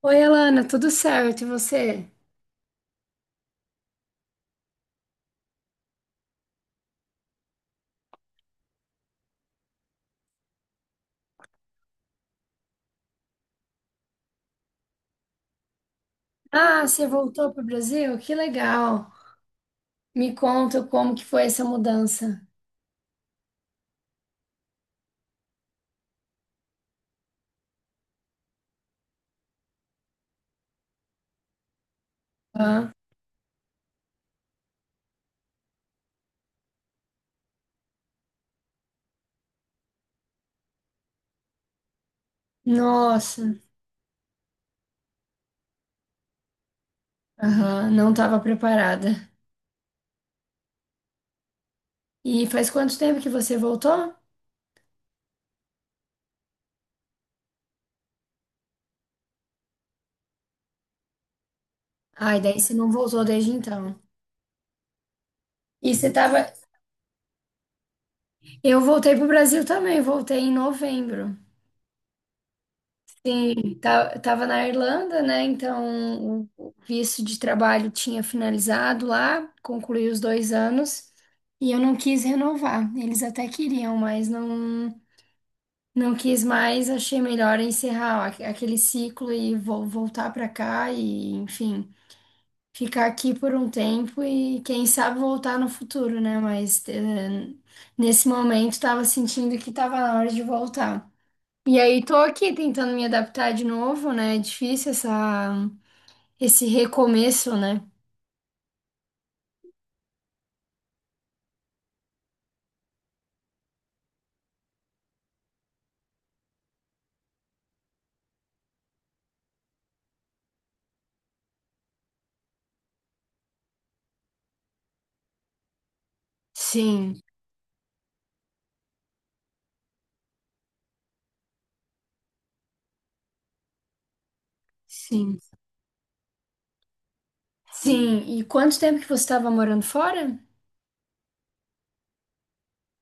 Oi, Alana, tudo certo? E você? Ah, você voltou para o Brasil? Que legal! Me conta como que foi essa mudança. Ah, nossa, aham, não estava preparada. E faz quanto tempo que você voltou? Ai, daí você não voltou desde então. E você estava. Eu voltei para o Brasil também, voltei em novembro. Sim, tava na Irlanda, né? Então o visto de trabalho tinha finalizado lá, concluí os 2 anos e eu não quis renovar. Eles até queriam, mas não, não quis mais. Achei melhor encerrar aquele ciclo e vou voltar para cá e, enfim, ficar aqui por um tempo e quem sabe voltar no futuro, né? Mas, nesse momento tava sentindo que tava na hora de voltar. E aí, tô aqui tentando me adaptar de novo, né? É difícil esse recomeço, né? Sim, sim, sim. E quanto tempo que você estava morando fora?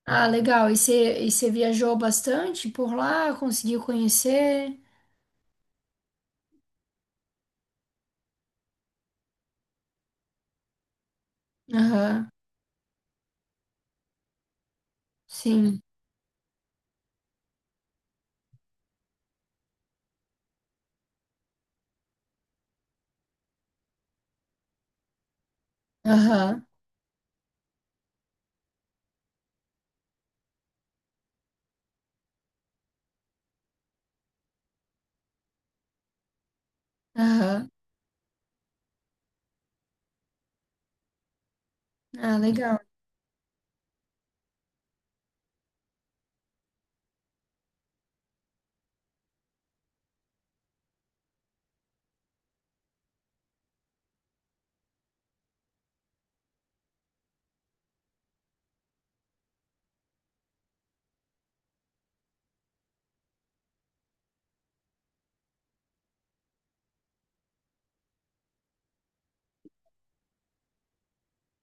Ah, legal. E você viajou bastante por lá? Conseguiu conhecer? Aham, sim. Aham, aham. Ah, legal.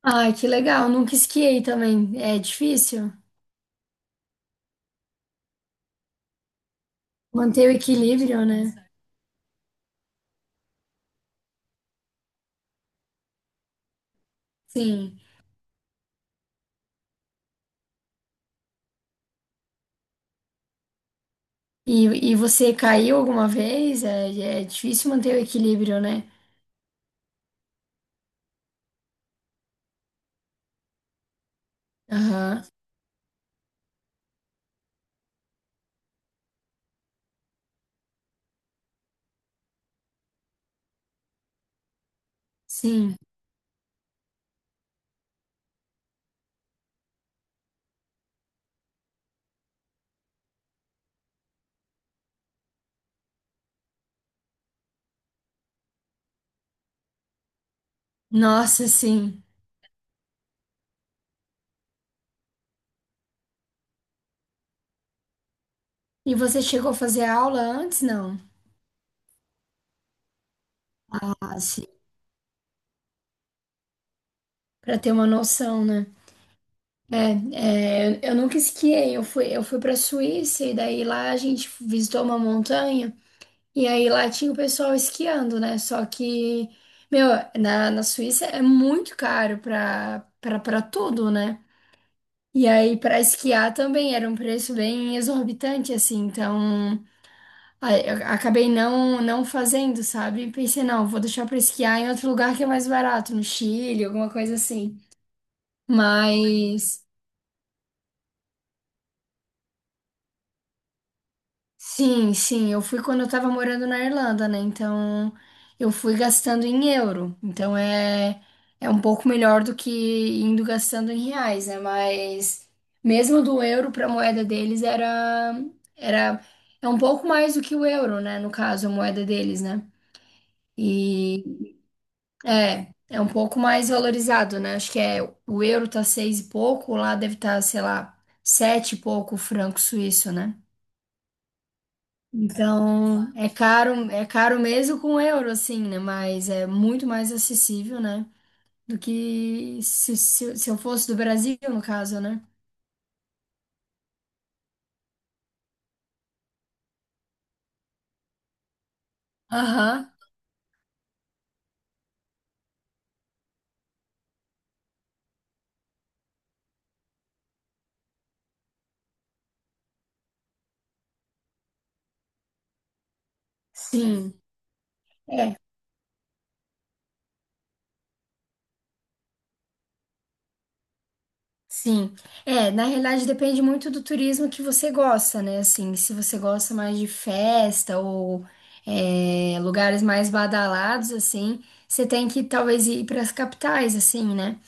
Ah, que legal. Nunca esquiei também. É difícil manter o equilíbrio, né? Sim. E, e você caiu alguma vez? É, é difícil manter o equilíbrio, né? Aham, sim. Nossa, sim. E você chegou a fazer aula antes, não? Ah, sim. Para ter uma noção, né? É, é, eu nunca esquiei. Eu fui para Suíça e daí lá a gente visitou uma montanha e aí lá tinha o pessoal esquiando, né? Só que, meu, na Suíça é muito caro para tudo, né? E aí para esquiar também era um preço bem exorbitante, assim. Então aí, eu acabei não, não fazendo, sabe? Pensei, não, vou deixar pra esquiar em outro lugar que é mais barato, no Chile, alguma coisa assim. Mas, sim, sim, eu fui quando eu tava morando na Irlanda, né? Então, eu fui gastando em euro. Então, é, é um pouco melhor do que indo gastando em reais, né? Mas, mesmo do euro pra moeda deles, era, é um pouco mais do que o euro, né? No caso, a moeda deles, né? E. É, é um pouco mais valorizado, né? Acho que é o euro tá seis e pouco, lá deve estar, sei lá, sete e pouco o franco suíço, né? Então, é caro mesmo com euro, assim, né? Mas é muito mais acessível, né? Do que se eu fosse do Brasil, no caso, né? Aham, sim. É. Sim, é, na realidade depende muito do turismo que você gosta, né? Assim, se você gosta mais de festa ou é, lugares mais badalados, assim, você tem que talvez ir para as capitais, assim, né?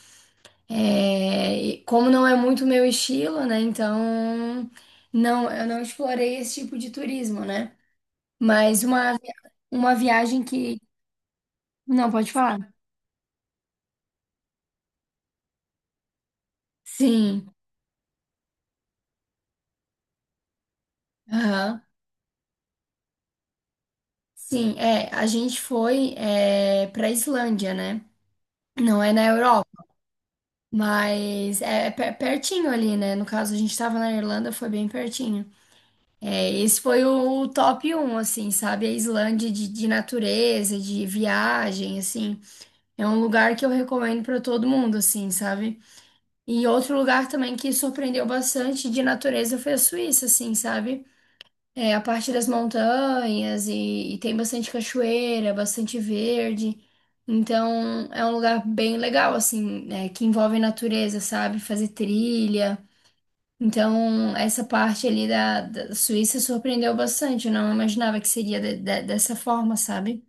É, e como não é muito meu estilo, né? Então, não, eu não explorei esse tipo de turismo, né? Mas uma viagem que. Não, pode falar. Sim, aham. Sim, é, a gente foi para Islândia, né? Não é na Europa, mas é pertinho ali, né? No caso, a gente tava na Irlanda, foi bem pertinho. É, esse foi o top um, assim, sabe? A Islândia de natureza, de viagem, assim. É um lugar que eu recomendo pra todo mundo, assim, sabe? E outro lugar também que surpreendeu bastante de natureza foi a Suíça, assim, sabe? É, a parte das montanhas e tem bastante cachoeira, bastante verde. Então, é um lugar bem legal, assim, né, que envolve natureza, sabe? Fazer trilha. Então, essa parte ali da Suíça surpreendeu bastante. Eu não imaginava que seria dessa forma, sabe?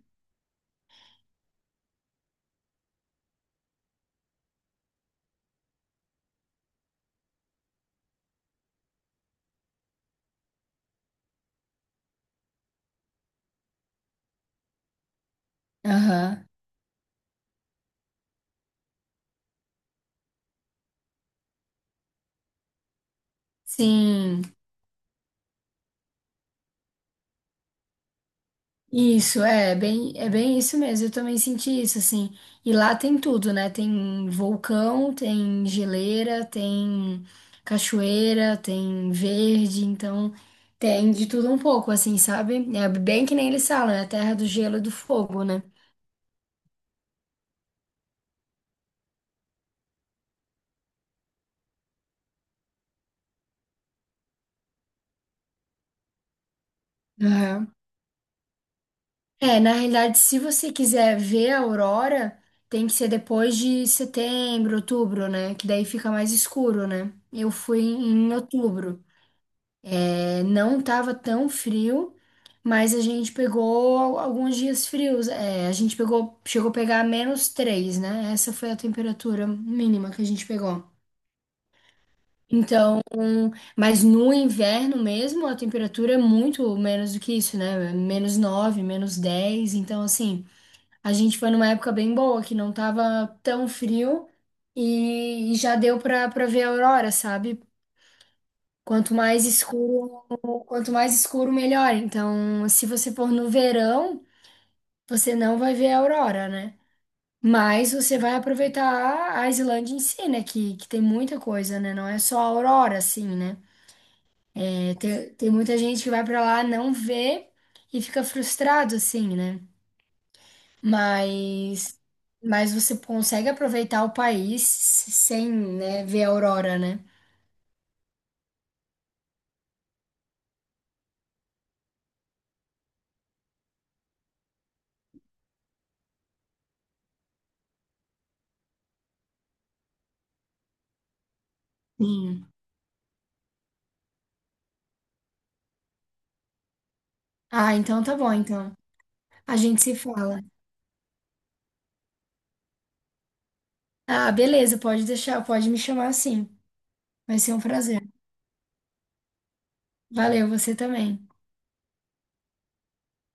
Aham. Sim. Isso, é bem isso mesmo. Eu também senti isso, assim. E lá tem tudo, né? Tem vulcão, tem geleira, tem cachoeira, tem verde, então tem de tudo um pouco, assim, sabe? É bem que nem eles falam, é a terra do gelo e do fogo, né? Aham. É, na realidade, se você quiser ver a aurora, tem que ser depois de setembro, outubro, né? Que daí fica mais escuro, né? Eu fui em outubro. É, não estava tão frio, mas a gente pegou alguns dias frios. É, a gente pegou, chegou a pegar menos 3, né? Essa foi a temperatura mínima que a gente pegou. Então, mas no inverno mesmo, a temperatura é muito menos do que isso, né? Menos 9, menos 10. Então, assim, a gente foi numa época bem boa, que não tava tão frio e já deu pra ver a aurora, sabe? Quanto mais escuro Quanto mais escuro, melhor. Então, se você for no verão, você não vai ver a aurora, né? Mas você vai aproveitar a Islândia em si, né? Que tem muita coisa, né? Não é só a aurora, assim, né? É, tem, muita gente que vai pra lá, não vê e fica frustrado, assim, né? Mas, mas você consegue aproveitar o país sem, né, ver a aurora, né? Sim. Ah, então tá bom, então. A gente se fala. Ah, beleza, pode deixar, pode me chamar assim. Vai ser um prazer. Valeu, você também.